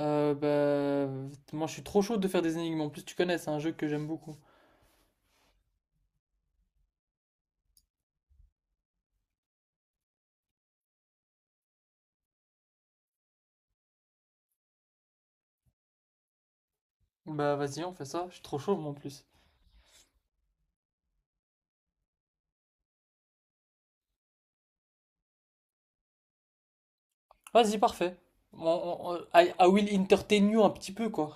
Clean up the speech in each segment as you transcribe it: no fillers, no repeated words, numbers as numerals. Euh, bah, moi je suis trop chaud de faire des énigmes en plus, tu connais, c'est un jeu que j'aime beaucoup. Bah vas-y, on fait ça, je suis trop chaud moi en plus. Vas-y, parfait. I, I will entertain you un petit peu quoi.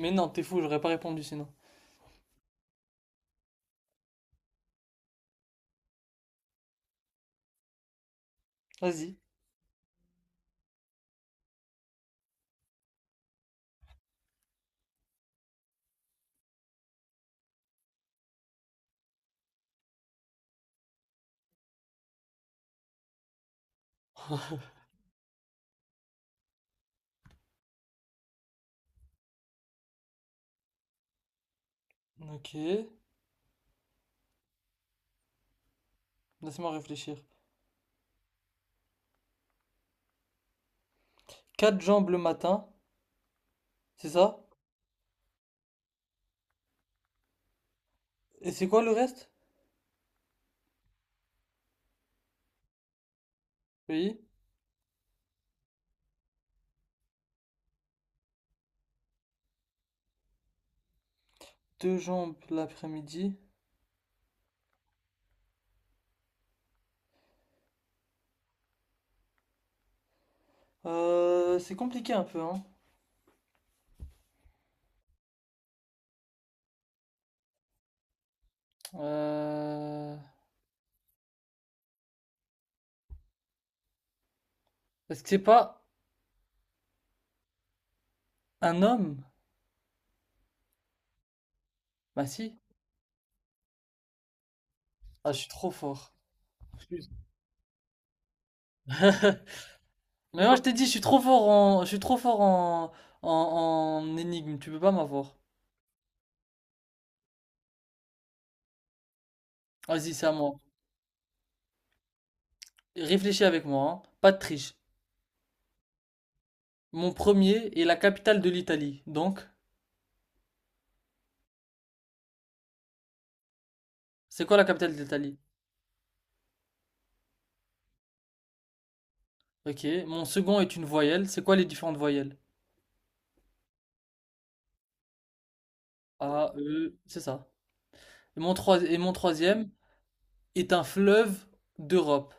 Mais non, t'es fou, j'aurais pas répondu sinon. Vas-y. Ok, laisse-moi réfléchir. Quatre jambes le matin, c'est ça? Et c'est quoi le reste? Oui. Deux jambes l'après-midi. C'est compliqué un peu, hein. Euh... Est-ce que c'est pas un homme? Bah si. Ah, je suis trop fort. Mais moi je t'ai dit, je suis trop fort en, en énigme, tu peux pas m'avoir. Vas-y, c'est à moi. Réfléchis avec moi, hein. Pas de triche. Mon premier est la capitale de l'Italie. Donc, c'est quoi la capitale de l'Italie? Ok. Mon second est une voyelle. C'est quoi les différentes voyelles? A, E, c'est ça. Et mon troisième est un fleuve d'Europe.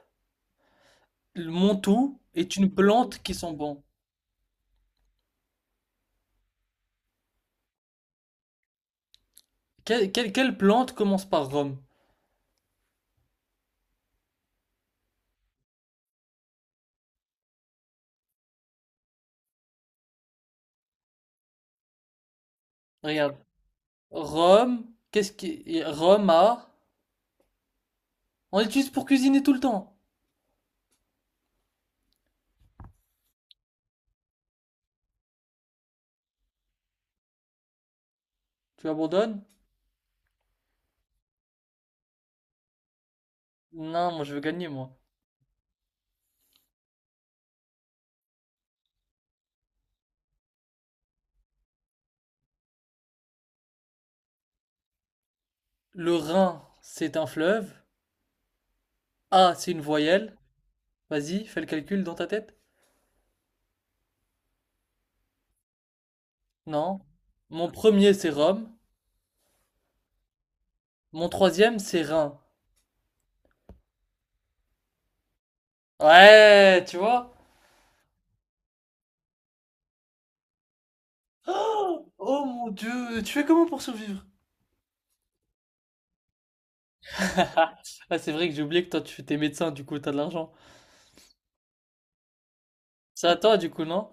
Le Montou est une plante qui sent bon. Quelle plante commence par Rome? Regarde. Rome, qu'est-ce qui... et Roma, on l'utilise pour cuisiner tout le temps. Tu abandonnes? Non, moi je veux gagner, moi. Le Rhin, c'est un fleuve. A, c'est une voyelle. Vas-y, fais le calcul dans ta tête. Non. Mon premier, c'est Rome. Mon troisième, c'est Rhin. Ouais, tu vois? Oh mon Dieu, tu fais comment pour survivre? Ah, c'est vrai que j'ai oublié que toi, tu t'es médecin, du coup, t'as de l'argent. C'est à toi, du coup, non?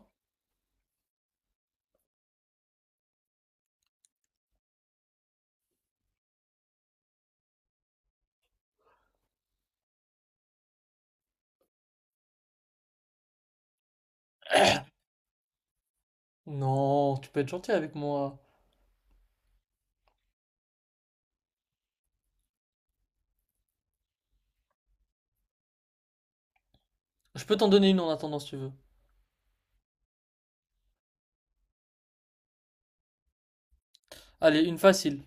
Non, tu peux être gentil avec moi. Je peux t'en donner une en attendant, si tu veux. Allez, une facile.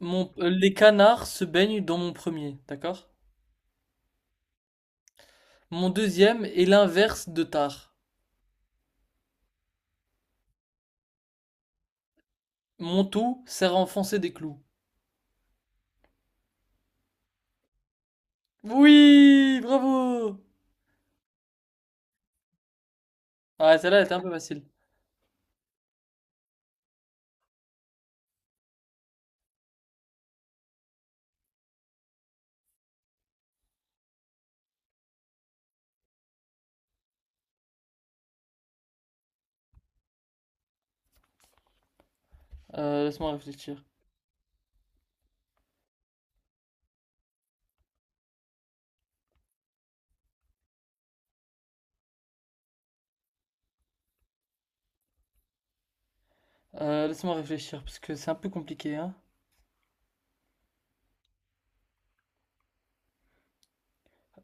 Les canards se baignent dans mon premier, d'accord? Mon deuxième est l'inverse de tard. Mon tout sert à enfoncer des clous. Oui, bravo! Ah, celle-là elle était un peu facile. Laisse-moi réfléchir. Laisse-moi réfléchir, parce que c'est un peu compliqué, hein.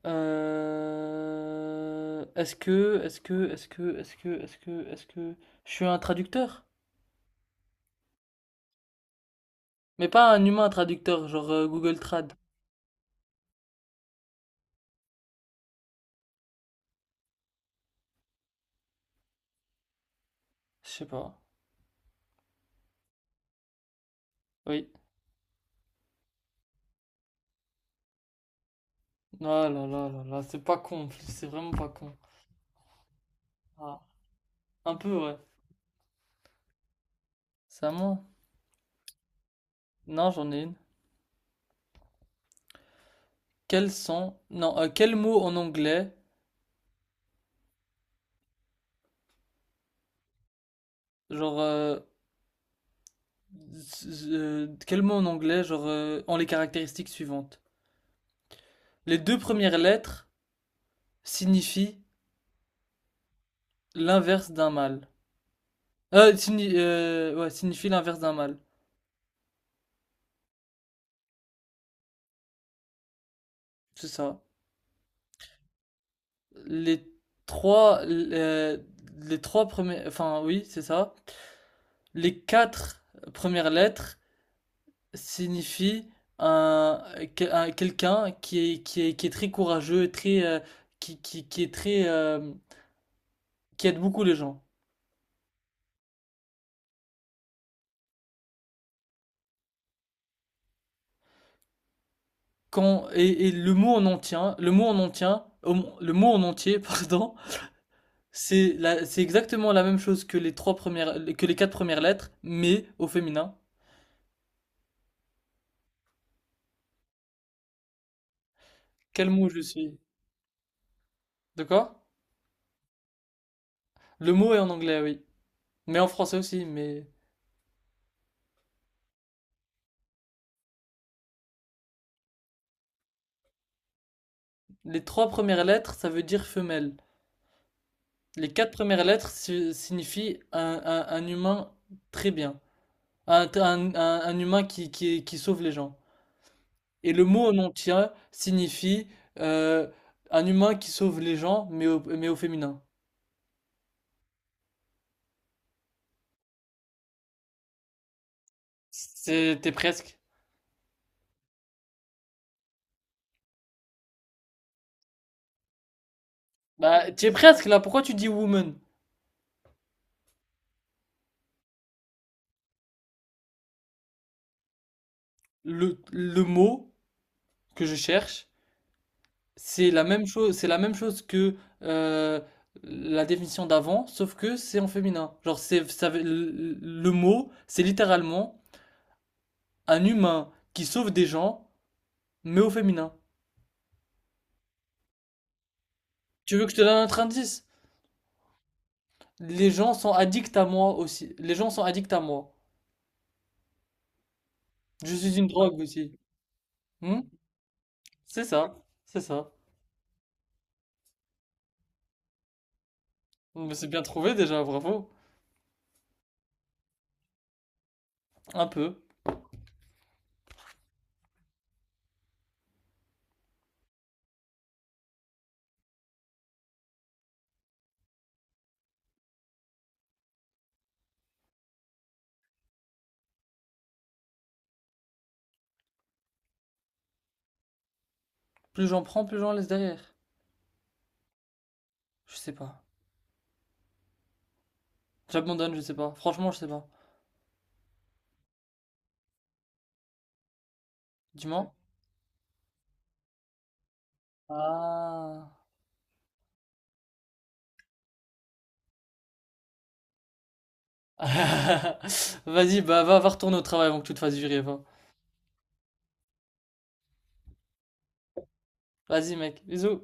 Est-ce que, est-ce que, est-ce que, est-ce que, est-ce que, Est-ce que je suis un traducteur? Mais pas un humain traducteur, genre Google Trad. Je sais pas. Oui. Oh là là là là, c'est pas con, en plus, c'est vraiment pas con. Ah, un peu, ouais. C'est à moi? Non, j'en ai une. Quels sont... Non, quel mot en anglais, genre... z- Quel mot en anglais, ont les caractéristiques suivantes? Les deux premières lettres signifient l'inverse d'un mâle. Signifie l'inverse d'un mâle. C'est ça. Les trois... euh, les trois premières... Enfin, Oui, c'est ça. Les quatre premières lettres signifie un, quelqu'un qui est, qui est très courageux, qui est très, qui aide beaucoup les gens. Et le mot en entier, hein, le mot en entier, pardon, c'est exactement la même chose que les quatre premières lettres, mais au féminin. Quel mot je suis? D'accord? Le mot est en anglais, oui. Mais en français aussi, mais les trois premières lettres, ça veut dire femelle. Les quatre premières lettres signifient un humain très bien, un humain qui sauve les gens. Et le mot en entier signifie euh, un humain qui sauve les gens, mais au féminin. T'es presque. Bah, t'es presque là. Pourquoi tu dis woman? Le mot que je cherche, c'est la même chose, c'est la même chose que euh, la définition d'avant, sauf que c'est en féminin. Le le mot, c'est littéralement. Un humain qui sauve des gens, mais au féminin. Tu veux que je te donne un autre indice? Les gens sont addicts à moi aussi. Les gens sont addicts à moi. Je suis une drogue aussi. Hmm. C'est ça, c'est ça. Mais c'est bien trouvé déjà, bravo. Un peu. Plus j'en prends, plus j'en laisse derrière. Je sais pas. J'abandonne, je sais pas. Franchement, je sais pas. Dis-moi. Ah. Vas-y, bah va retourner au travail avant que tu te fasses virer, va. Vas-y, mec. Bisous.